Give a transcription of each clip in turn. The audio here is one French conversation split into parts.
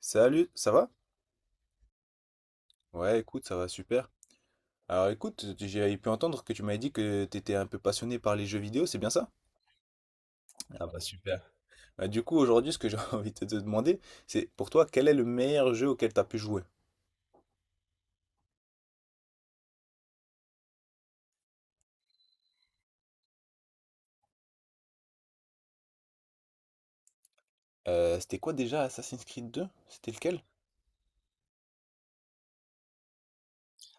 Salut, ça va? Ouais, écoute, ça va super. Alors écoute, j'ai pu entendre que tu m'avais dit que t'étais un peu passionné par les jeux vidéo, c'est bien ça? Ah bah super. Bah, du coup, aujourd'hui, ce que j'ai envie de te demander, c'est pour toi, quel est le meilleur jeu auquel t'as pu jouer? C'était quoi déjà Assassin's Creed 2? C'était lequel?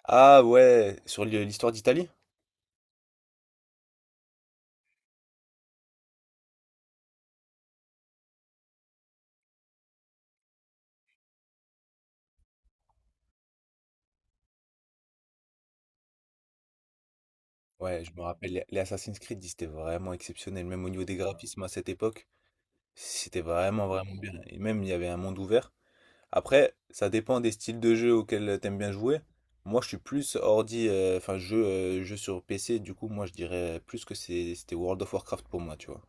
Ah ouais, sur l'histoire d'Italie? Ouais, je me rappelle, les Assassin's Creed, ils étaient vraiment exceptionnels, même au niveau des graphismes à cette époque. C'était vraiment, vraiment bien. Et même, il y avait un monde ouvert. Après, ça dépend des styles de jeu auxquels t'aimes bien jouer. Moi, je suis plus ordi, enfin, jeu sur PC. Du coup, moi, je dirais plus que c'était World of Warcraft pour moi, tu vois.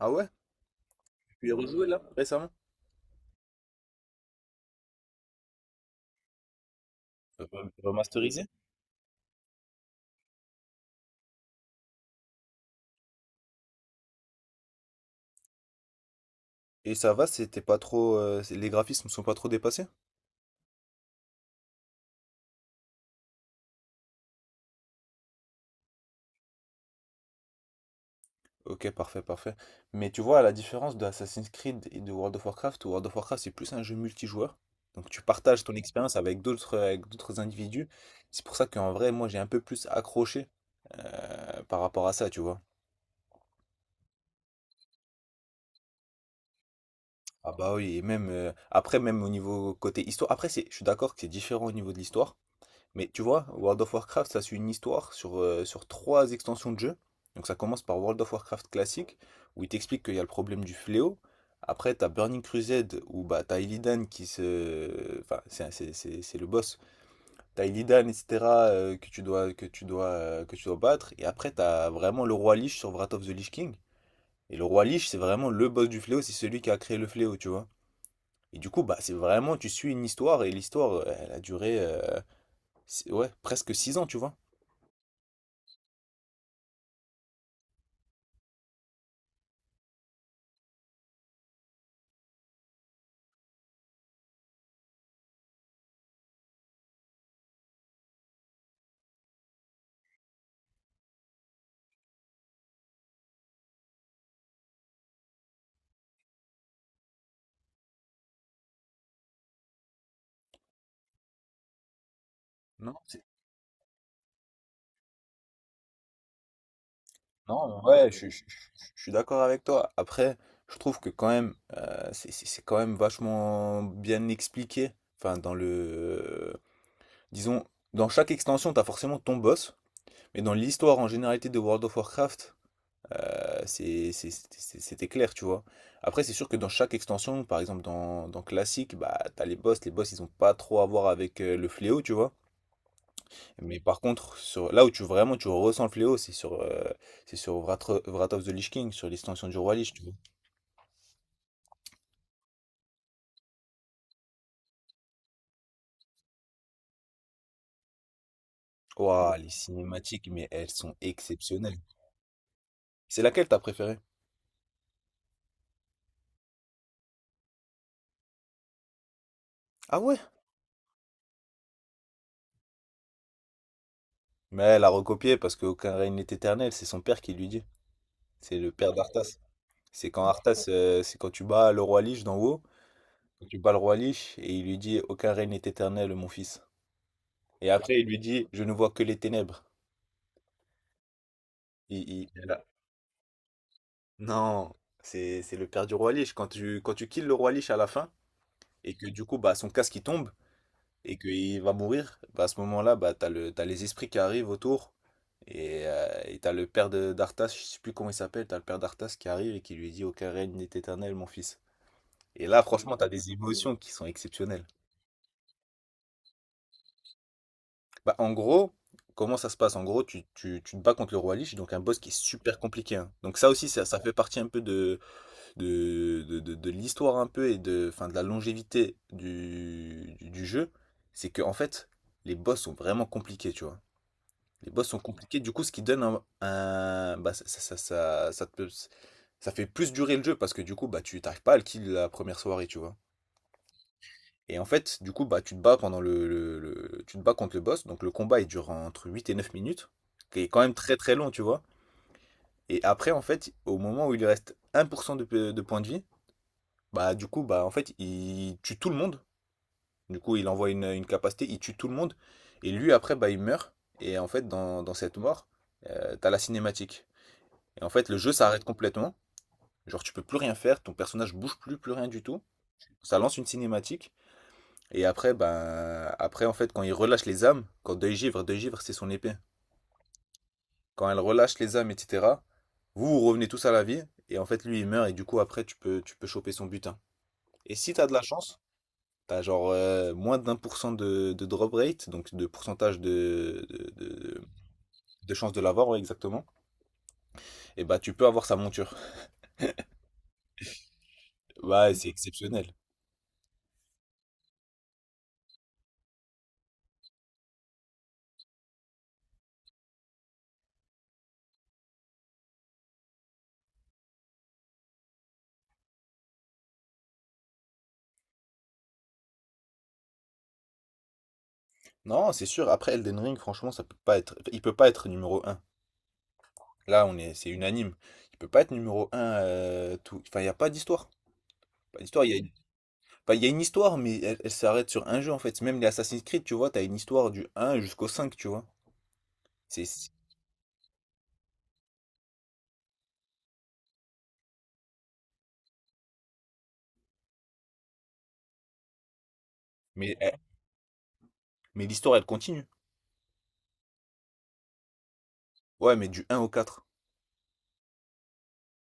Ah ouais? Tu y as rejoué là, récemment? Euh, Remasterisé? Et ça va, c'était pas trop, les graphismes sont pas trop dépassés? Ok, parfait, parfait. Mais tu vois, à la différence de Assassin's Creed et de World of Warcraft c'est plus un jeu multijoueur. Donc tu partages ton expérience avec d'autres individus. C'est pour ça qu'en vrai, moi j'ai un peu plus accroché par rapport à ça, tu vois. Ah bah oui, et même après, même au niveau côté histoire. Après, je suis d'accord que c'est différent au niveau de l'histoire. Mais tu vois, World of Warcraft, ça suit une histoire sur trois extensions de jeu. Donc ça commence par World of Warcraft classique, où il t'explique qu'il y a le problème du fléau. Après, t'as Burning Crusade, où bah, t'as Illidan qui se. Enfin, c'est le boss. T'as Illidan, etc., que tu dois, que tu dois, que tu dois battre. Et après, t'as vraiment le roi Lich sur Wrath of the Lich King. Et le roi Lich, c'est vraiment le boss du fléau, c'est celui qui a créé le fléau, tu vois. Et du coup, bah, c'est vraiment, tu suis une histoire, et l'histoire, elle a duré, ouais, presque 6 ans, tu vois. Non, c'est- non, ouais, je suis d'accord avec toi. Après, je trouve que quand même, c'est quand même vachement bien expliqué. Enfin, disons, dans chaque extension, t'as forcément ton boss. Mais dans l'histoire en généralité de World of Warcraft, c'était clair, tu vois. Après, c'est sûr que dans chaque extension, par exemple dans Classic, bah, t'as les boss. Les boss, ils ont pas trop à voir avec le fléau, tu vois. Mais par contre, là où tu vraiment tu ressens le fléau, c'est sur Wrath of the Lich King, sur l'extension du Roi Lich, tu vois. Ouah, les cinématiques, mais elles sont exceptionnelles. C'est laquelle t'as préférée? Ah ouais? Mais elle a recopié parce qu'aucun règne n'est éternel, c'est son père qui lui dit. C'est le père d'Arthas. C'est quand tu bats le Roi Lich d'en haut, quand tu bats le Roi Lich, et il lui dit, aucun règne n'est éternel, mon fils. Et après, il lui dit, je ne vois que les ténèbres. Il, il- elle a- Non, c'est le père du Roi Lich. Quand tu kills le Roi Lich à la fin, et que du coup, bah, son casque il tombe et qu'il va mourir, bah, à ce moment-là, bah, t'as les esprits qui arrivent autour et t'as le père d'Arthas, je sais plus comment il s'appelle, t'as le père d'Arthas qui arrive et qui lui dit, aucun règne n'est éternel, mon fils. Et là, franchement, t'as des émotions qui sont exceptionnelles. Bah, en gros, comment ça se passe? En gros, tu te bats contre le roi Lich, donc un boss qui est super compliqué, hein. Donc ça aussi, ça fait partie un peu de l'histoire un peu et de, enfin, de la longévité du jeu, c'est que en fait, les boss sont vraiment compliqués, tu vois. Les boss sont compliqués, du coup, ce qui donne bah, ça fait plus durer le jeu parce que du coup, bah, tu t'arrives pas à le kill la première soirée, tu vois. Et en fait, du coup, bah, tu te bats contre le boss, donc le combat il dure entre 8 et 9 minutes, qui est quand même très très long, tu vois. Et après, en fait, au moment où il lui reste 1% de points de vie, bah, du coup, bah, en fait, il tue tout le monde. Du coup, il envoie une capacité, il tue tout le monde. Et lui, après, bah, il meurt. Et en fait, dans cette mort, t'as la cinématique. Et en fait, le jeu s'arrête complètement. Genre, tu peux plus rien faire, ton personnage bouge plus, plus rien du tout. Ça lance une cinématique. Et après, ben, après, en fait, quand il relâche les âmes, quand Deuil Givre, Deuil Givre, c'est son épée. Quand elle relâche les âmes, etc., vous revenez tous à la vie. Et en fait, lui, il meurt. Et du coup, après, tu peux choper son butin. Et si t'as de la chance, t'as genre moins d'un pour cent de drop rate, donc de pourcentage de chance de l'avoir, ouais, exactement. Et bah tu peux avoir sa monture. Ouais, c'est exceptionnel. Non, c'est sûr, après Elden Ring, franchement, ça peut pas être. Il peut pas être numéro un. Là, c'est unanime. Il peut pas être numéro un. Tout. Enfin, il n'y a pas d'histoire. Pas d'histoire, il y a enfin, il y a une histoire, mais elle, elle s'arrête sur un jeu en fait. Même les Assassin's Creed, tu vois, t'as une histoire du 1 jusqu'au 5, tu vois. C'est, c'est- mais, elle- mais l'histoire, elle continue. Ouais, mais du 1 au 4.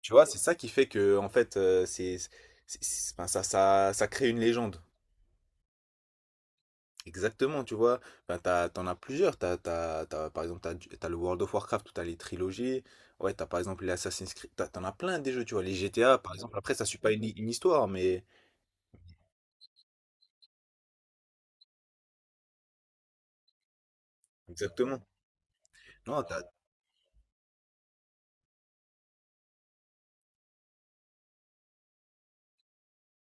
Tu vois, c'est ça qui fait que, en fait, enfin, ça crée une légende. Exactement, tu vois. Enfin, t'en as plusieurs. Par exemple, t'as le World of Warcraft où t'as les trilogies. Ouais, t'as par exemple les Assassin's Creed. T'en as plein des jeux, tu vois. Les GTA, par exemple, après, ça suit pas une histoire, mais. Exactement. Non,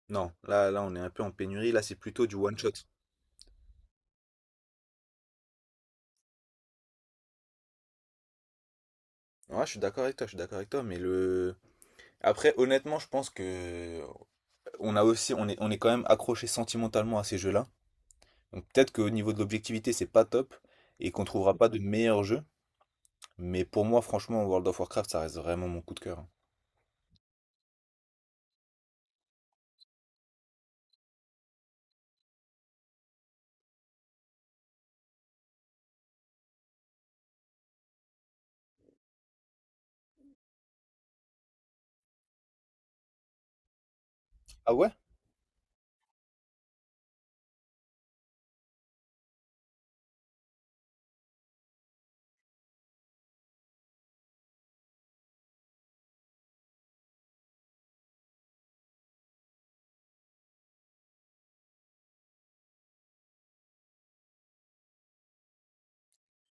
non, là, on est un peu en pénurie. Là, c'est plutôt du one shot. Ouais, je suis d'accord avec toi, je suis d'accord avec toi, mais le. Après, honnêtement, je pense que on a aussi, on est quand même accroché sentimentalement à ces jeux-là. Donc peut-être qu'au niveau de l'objectivité, c'est pas top et qu'on trouvera pas de meilleurs jeux. Mais pour moi, franchement, World of Warcraft, ça reste vraiment mon coup de cœur, hein. Ah ouais?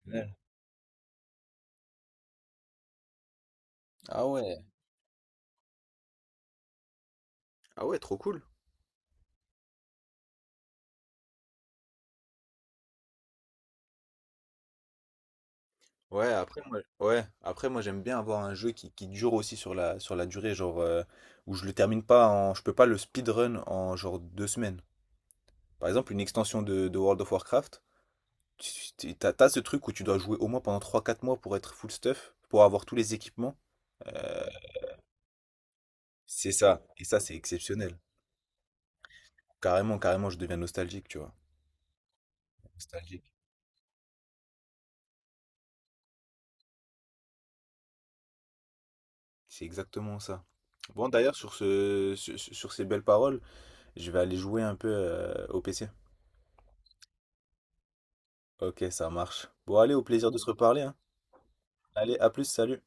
Ouais. Ah ouais. Ah ouais, trop cool. Ouais, après moi j'aime bien avoir un jeu qui dure aussi sur la durée, genre où je peux pas le speedrun en genre 2 semaines. Par exemple, une extension de World of Warcraft, t'as ce truc où tu dois jouer au moins pendant 3 4 mois pour être full stuff, pour avoir tous les équipements. Euh, c'est ça, et ça c'est exceptionnel. Carrément, carrément, je deviens nostalgique, tu vois. Nostalgique. C'est exactement ça. Bon, d'ailleurs, sur ces belles paroles, je vais aller jouer un peu au PC. Ok, ça marche. Bon, allez, au plaisir de se reparler, hein. Allez, à plus, salut.